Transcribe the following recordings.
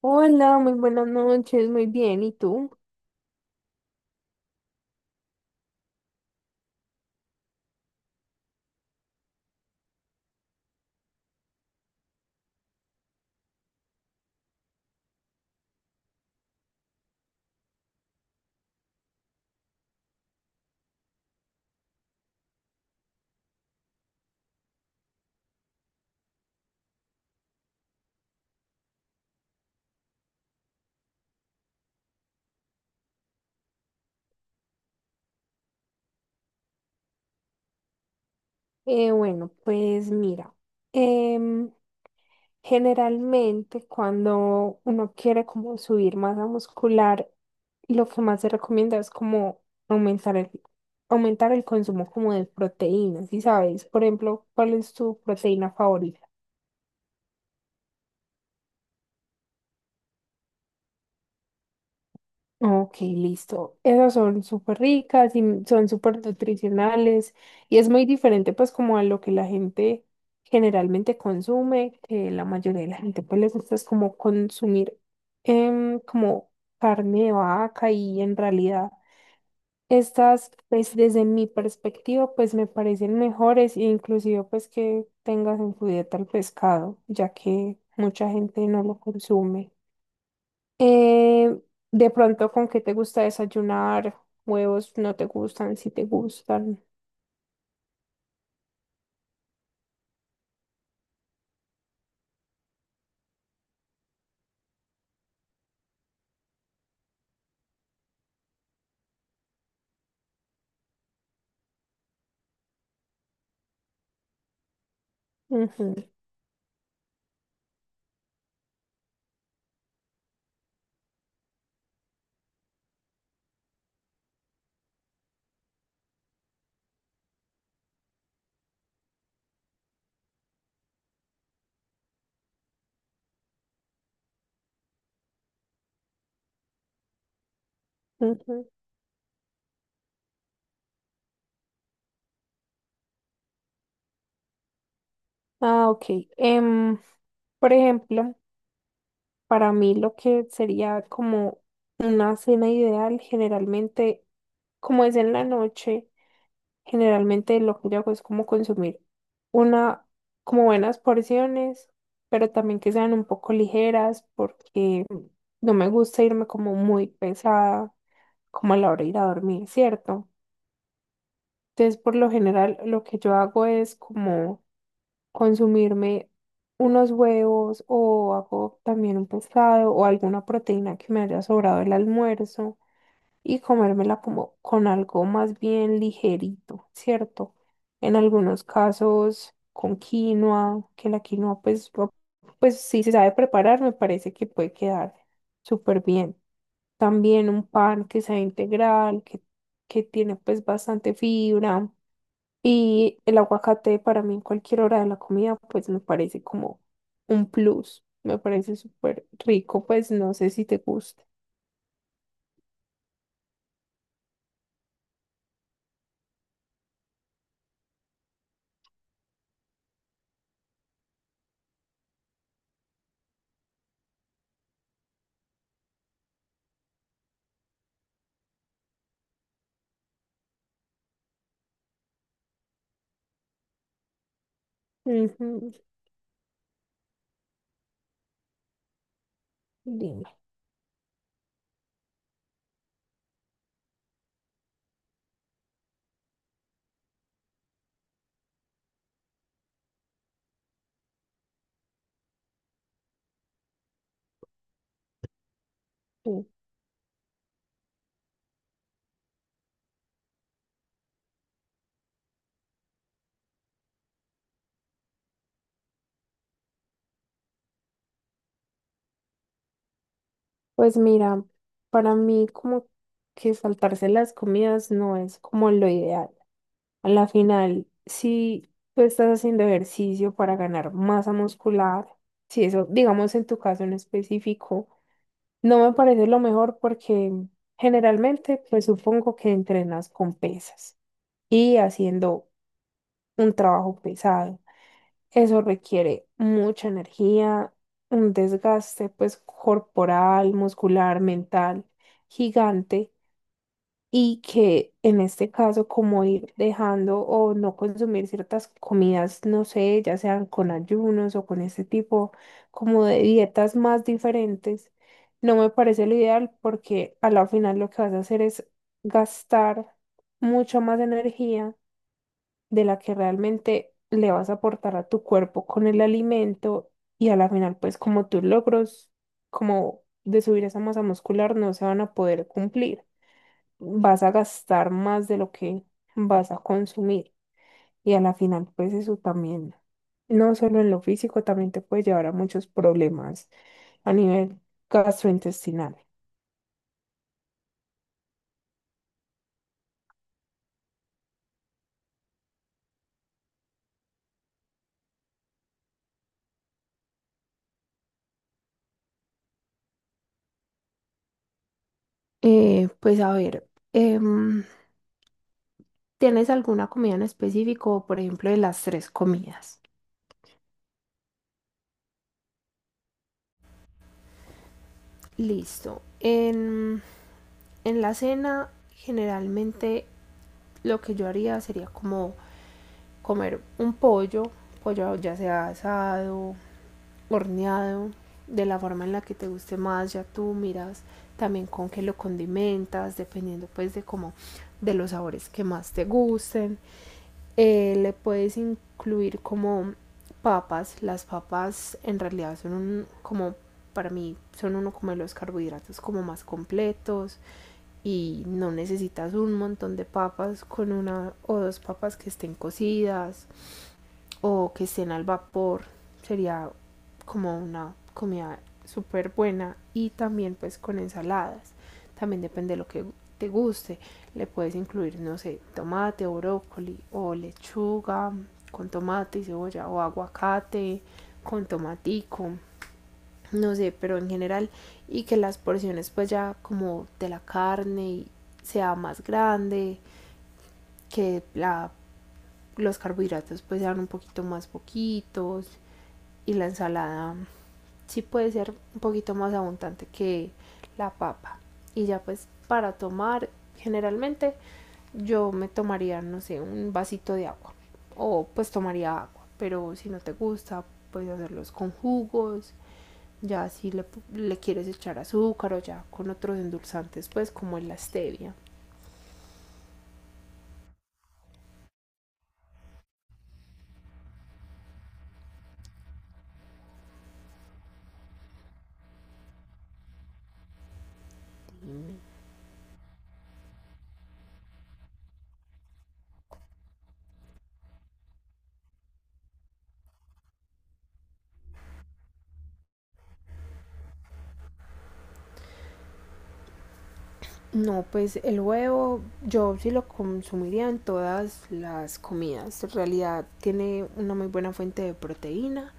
Hola, muy buenas noches, muy bien. ¿Y tú? Eh, bueno, pues mira, em, Generalmente cuando uno quiere como subir masa muscular, lo que más se recomienda es como aumentar el, aumentar el consumo como de proteínas, ¿sí sabes? Por ejemplo, ¿cuál es tu proteína favorita? Ok, listo. Esas son súper ricas y son súper nutricionales y es muy diferente pues como a lo que la gente generalmente consume, que la mayoría de la gente pues les gusta es como consumir como carne de vaca y en realidad estas pues desde mi perspectiva pues me parecen mejores e inclusive pues que tengas en tu dieta el pescado, ya que mucha gente no lo consume. Eh, de pronto, ¿con qué te gusta desayunar? Huevos no te gustan, si te gustan. Ujú, ujú. Ah, ok. Em, por ejemplo, para mí lo que sería como una cena ideal, generalmente, como es en la noche, generalmente lo que yo hago es como consumir una, como buenas porciones, pero también que sean un poco ligeras porque no me gusta irme como muy pesada, como a la hora de ir a dormir, ¿cierto? Entonces, por lo general, lo que yo hago es como consumirme unos huevos o hago también un pescado o alguna proteína que me haya sobrado el almuerzo y comérmela como con algo más bien ligerito, ¿cierto? En algunos casos con quinoa, que la quinoa pues si se sabe preparar, me parece que puede quedar súper bien. También un pan que sea integral, que tiene pues bastante fibra. Y el aguacate para mí en cualquier hora de la comida pues me parece como un plus, me parece súper rico, pues no sé si te gusta. Ujú. Dime. Tú. Pues mira, para mí como que saltarse las comidas no es como lo ideal. A la final, si tú estás haciendo ejercicio para ganar masa muscular, si eso, digamos en tu caso en específico, no me parece lo mejor porque generalmente, pues supongo que entrenas con pesas y haciendo un trabajo pesado. Eso requiere mucha energía, un desgaste pues corporal, muscular, mental, gigante, y que en este caso como ir dejando o no consumir ciertas comidas, no sé, ya sean con ayunos o con este tipo como de dietas más diferentes, no me parece lo ideal porque a la final lo que vas a hacer es gastar mucha más energía de la que realmente le vas a aportar a tu cuerpo con el alimento, y a la final pues como tus logros como de subir esa masa muscular no se van a poder cumplir, vas a gastar más de lo que vas a consumir. Y a la final, pues eso también, no solo en lo físico, también te puede llevar a muchos problemas a nivel gastrointestinal. Pues a ver, ¿tienes alguna comida en específico, por ejemplo, de las tres comidas? Listo. En la cena, generalmente lo que yo haría sería como comer un pollo, pollo ya sea asado, horneado, de la forma en la que te guste más, ya tú miras también con qué lo condimentas, dependiendo pues de cómo, de los sabores que más te gusten. Le puedes incluir como papas. Las papas en realidad como para mí son uno como de los carbohidratos como más completos y no necesitas un montón de papas, con una o dos papas que estén cocidas o que estén al vapor sería como una comida súper buena. Y también pues con ensaladas, también depende de lo que te guste, le puedes incluir no sé tomate o brócoli o lechuga con tomate y cebolla o aguacate con tomatico, no sé, pero en general, y que las porciones pues ya como de la carne sea más grande que la los carbohidratos pues sean un poquito más poquitos, y la ensalada sí puede ser un poquito más abundante que la papa. Y ya pues para tomar, generalmente yo me tomaría, no sé, un vasito de agua. O pues tomaría agua. Pero si no te gusta, puedes hacerlos con jugos. Ya si le, le quieres echar azúcar o ya con otros endulzantes, pues como es la stevia. No, pues el huevo yo sí lo consumiría en todas las comidas. En realidad tiene una muy buena fuente de proteína,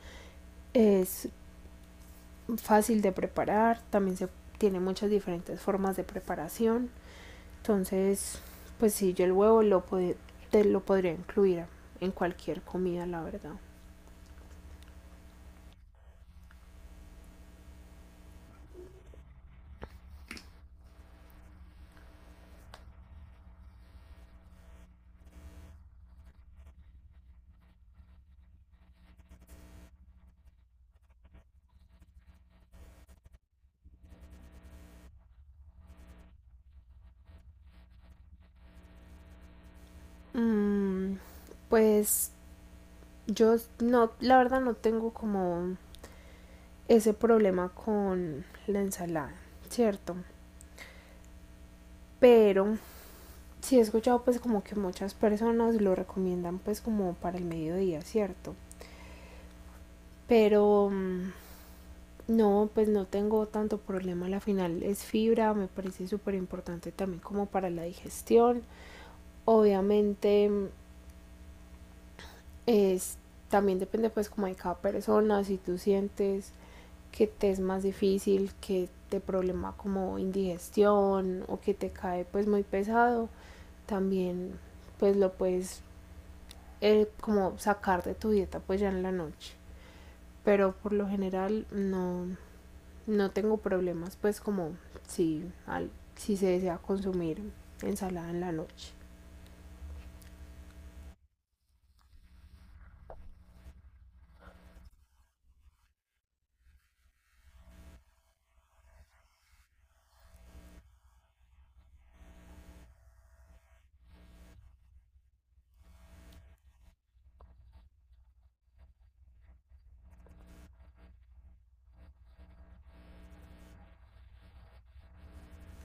es fácil de preparar, también se tiene muchas diferentes formas de preparación. Entonces, pues sí, yo el huevo te lo podría incluir en cualquier comida, la verdad. Mm, pues yo no, la verdad no tengo como ese problema con la ensalada, ¿cierto? Pero sí, he escuchado pues como que muchas personas lo recomiendan pues como para el mediodía, ¿cierto? Pero no, pues no tengo tanto problema. A la final es fibra, me parece súper importante también como para la digestión. Obviamente es, también depende pues como de cada persona, si tú sientes que te es más difícil, que te problema como indigestión o que te cae pues muy pesado, también pues lo puedes como sacar de tu dieta pues ya en la noche. Pero por lo general no, no tengo problemas pues como si, al, si se desea consumir ensalada en la noche.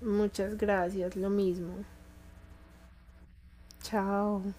Muchas gracias, lo mismo. Chao.